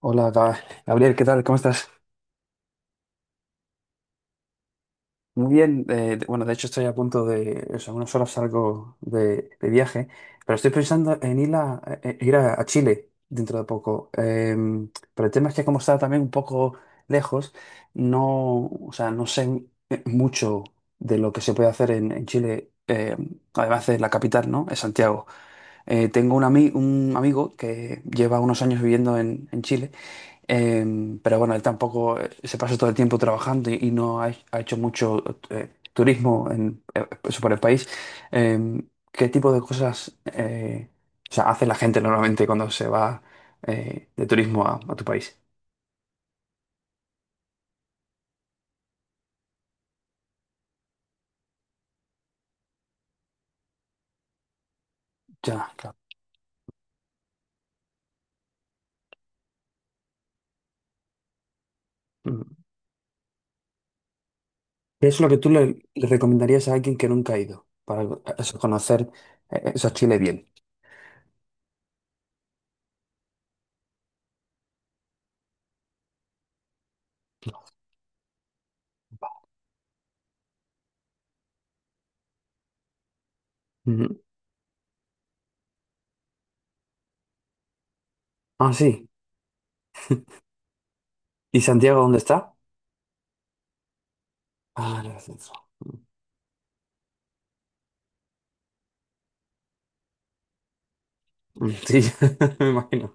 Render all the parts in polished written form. Hola, Gabriel, ¿qué tal? ¿Cómo estás? Muy bien. Bueno, de hecho estoy a punto de, o sea, en unas horas salgo de viaje, pero estoy pensando en ir a Chile dentro de poco. Pero el tema es que como está también un poco lejos, no, o sea, no sé mucho de lo que se puede hacer en Chile, además de la capital, ¿no? Es Santiago. Tengo un amigo que lleva unos años viviendo en Chile. Pero bueno, él tampoco se pasa todo el tiempo trabajando y no ha hecho mucho turismo por el país. ¿Qué tipo de cosas o sea, hace la gente normalmente cuando se va de turismo a tu país? Ya, claro. Mm. ¿Qué es lo que tú le recomendarías a alguien que nunca ha ido para eso, conocer eso, Chile bien? Ujú. Ah, sí. ¿Y Santiago dónde está? Ah, en el centro. Mm, sí, me imagino.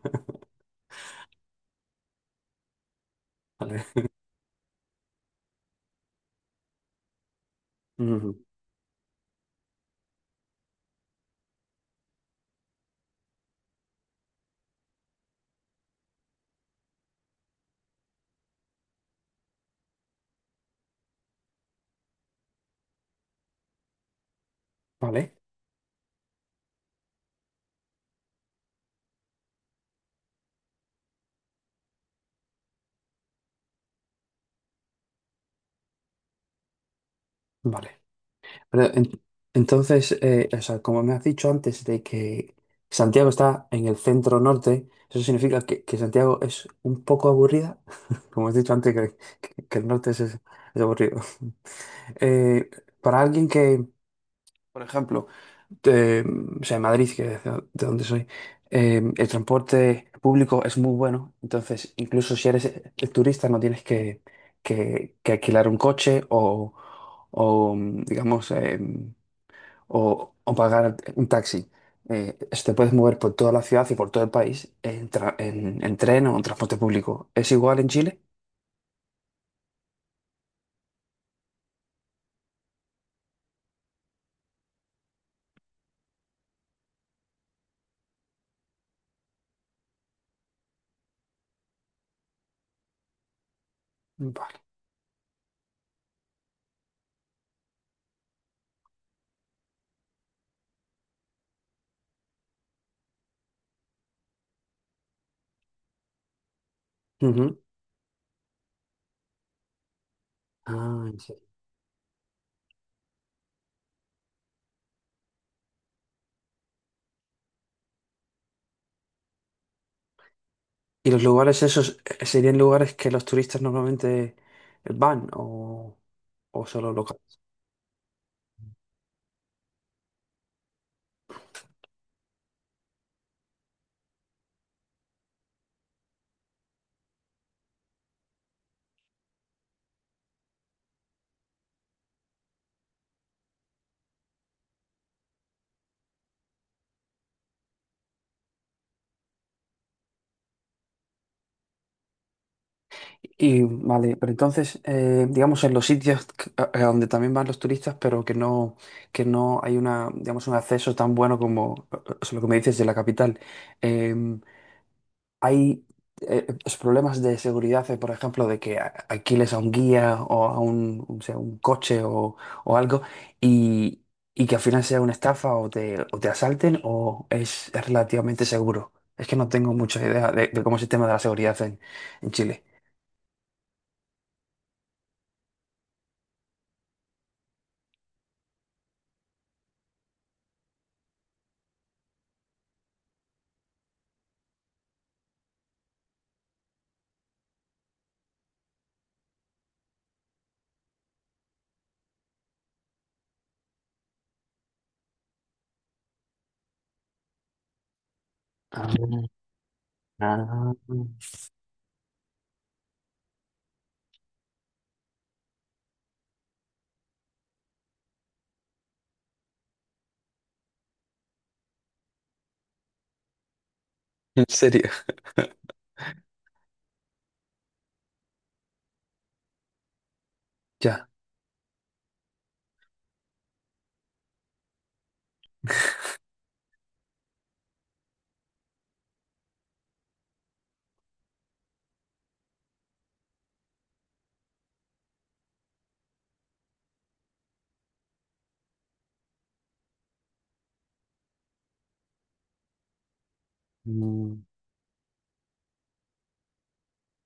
Vale. Ujú. Vale. Vale. Pero en- entonces, o sea, como me has dicho antes de que Santiago está en el centro norte, eso significa que Santiago es un poco aburrida. Como has dicho antes, que el norte es aburrido. Eh, para alguien que, por ejemplo, de, o sea, en Madrid, que es de donde soy, el transporte público es muy bueno. Entonces, incluso si eres turista, no tienes que alquilar un coche o, digamos, o pagar un taxi. Si te puedes mover por toda la ciudad y por todo el país en tren o en transporte público. ¿Es igual en Chile? Vale. Ujú. Ah, sí. ¿Y los lugares esos serían lugares que los turistas normalmente van o solo local? Y vale, pero entonces, digamos, en los sitios a donde también van los turistas, pero que no hay una, digamos, un acceso tan bueno como lo que me dices de la capital. em, hay los problemas de seguridad, por ejemplo, de que alquiles a un guía o o sea, un coche o algo y, y que al final sea una estafa o te asalten o es relativamente seguro. Es que no tengo mucha idea de cómo es el tema de la seguridad en Chile. Ah, ah. ¿En serio? Ya.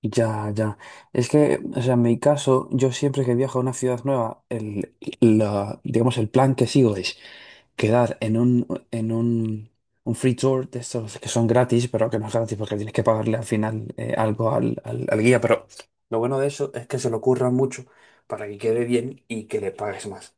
Ya, ya. Es que, o sea, en mi caso, yo siempre que viajo a una ciudad nueva, digamos, el plan que sigo es quedar en un free tour de estos que son gratis, pero que no es gratis porque tienes que pagarle al final algo al guía. Pero lo bueno de eso es que se lo curran mucho para que quede bien y que le pagues más.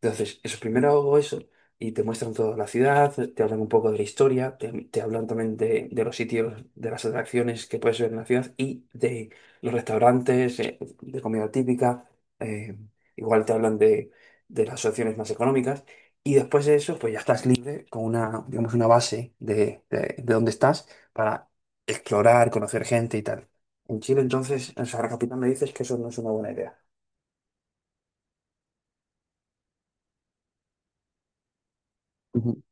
Entonces, eso primero hago eso y te muestran toda la ciudad, te hablan un poco de la historia, te hablan también de los sitios, de las atracciones que puedes ver en la ciudad y de los restaurantes, de comida típica, eh, igual te hablan de las opciones más económicas y después de eso pues ya estás libre con una, digamos, una base de dónde estás para explorar, conocer gente y tal. En Chile entonces, en Sagrada Capital me dices que eso no es una buena idea. Ujú.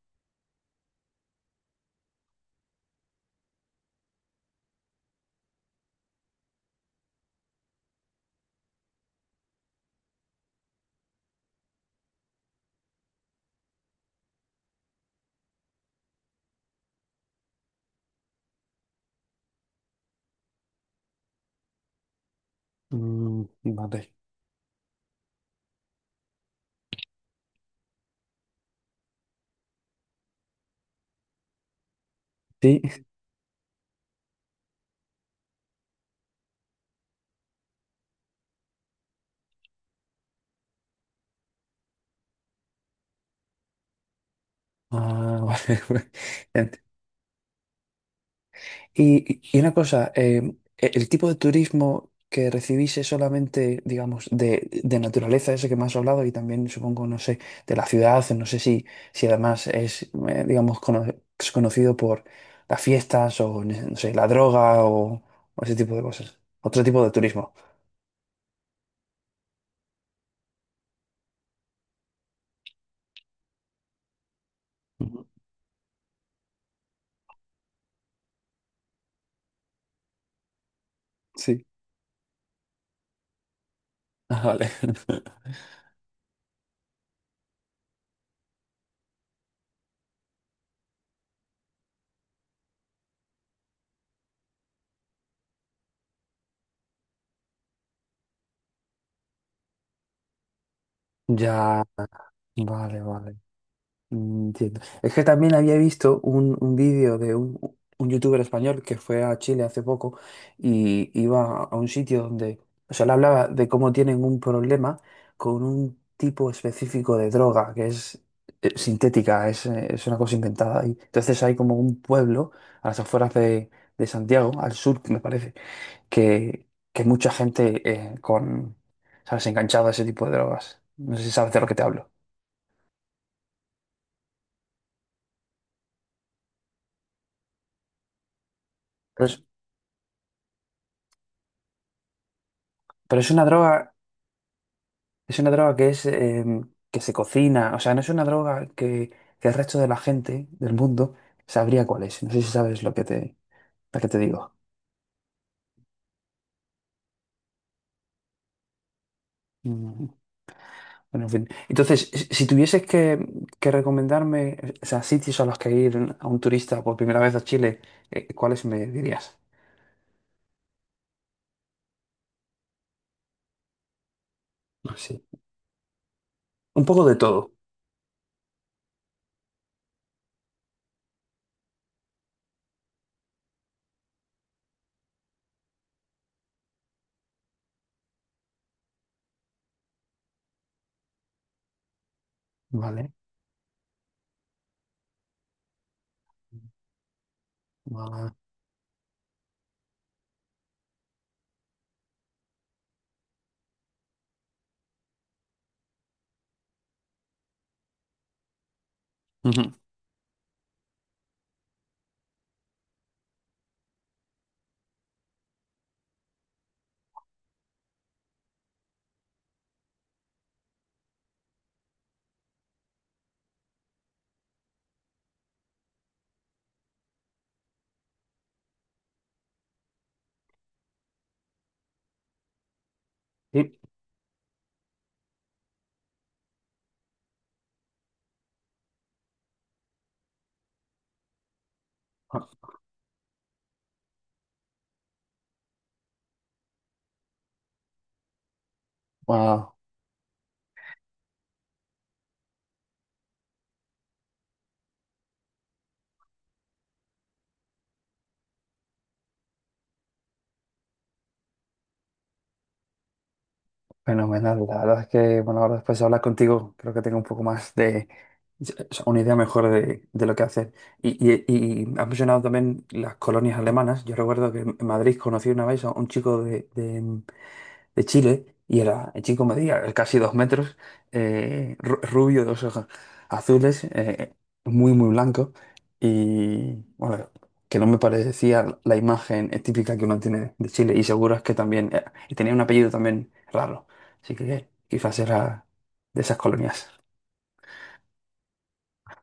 Mm, vale. Sí. Ah, vale. Ent- y una cosa, el tipo de turismo que recibís es solamente, digamos, de naturaleza, ese que me has hablado, y también supongo, no sé, de la ciudad, no sé si además digamos, es conocido por las fiestas o, no sé, la droga o ese tipo de cosas. Otro tipo de turismo. Ujú. Sí. Ah, vale. Ya, vale, vale. Mm, entiendo. Es que también había visto un vídeo de un youtuber español que fue a Chile hace poco y iba a un sitio donde, o sea, le hablaba de cómo tienen un problema con un tipo específico de droga que es sintética, es una cosa inventada. Y entonces hay como un pueblo a las afueras de Santiago, al sur, me parece, que, que mucha gente ¿sabes?, enganchada a ese tipo de drogas. No sé si sabes de lo que te hablo. Pero es, pero es una droga. Es una droga que es que se cocina, o sea, no es una droga que el resto de la gente del mundo sabría cuál es. No sé si sabes lo que te digo. Mm, bueno, en fin. Entonces, si tuvieses que recomendarme, o sea, sitios a los que ir a un turista por primera vez a Chile, ¿cuáles me dirías? Ah, sí. Un poco de todo. Vale. Guau. Ujú. Sí. Ah, fenomenal, la verdad es que, bueno, ahora después de hablar contigo, creo que tengo un poco más o sea, una idea mejor de lo que hacer. Y has mencionado también las colonias alemanas. Yo recuerdo que en Madrid conocí una vez a un chico de Chile y era, el chico medía casi 2 metros, rubio, dos ojos azules, muy, muy blanco y bueno, que no me parecía la imagen típica que uno tiene de Chile y seguro es que también, y tenía un apellido también raro, así que quizás era de esas colonias.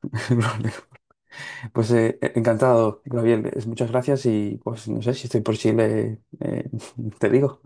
Pues encantado, Gabriel, muchas gracias y pues no sé si estoy por Chile, te digo.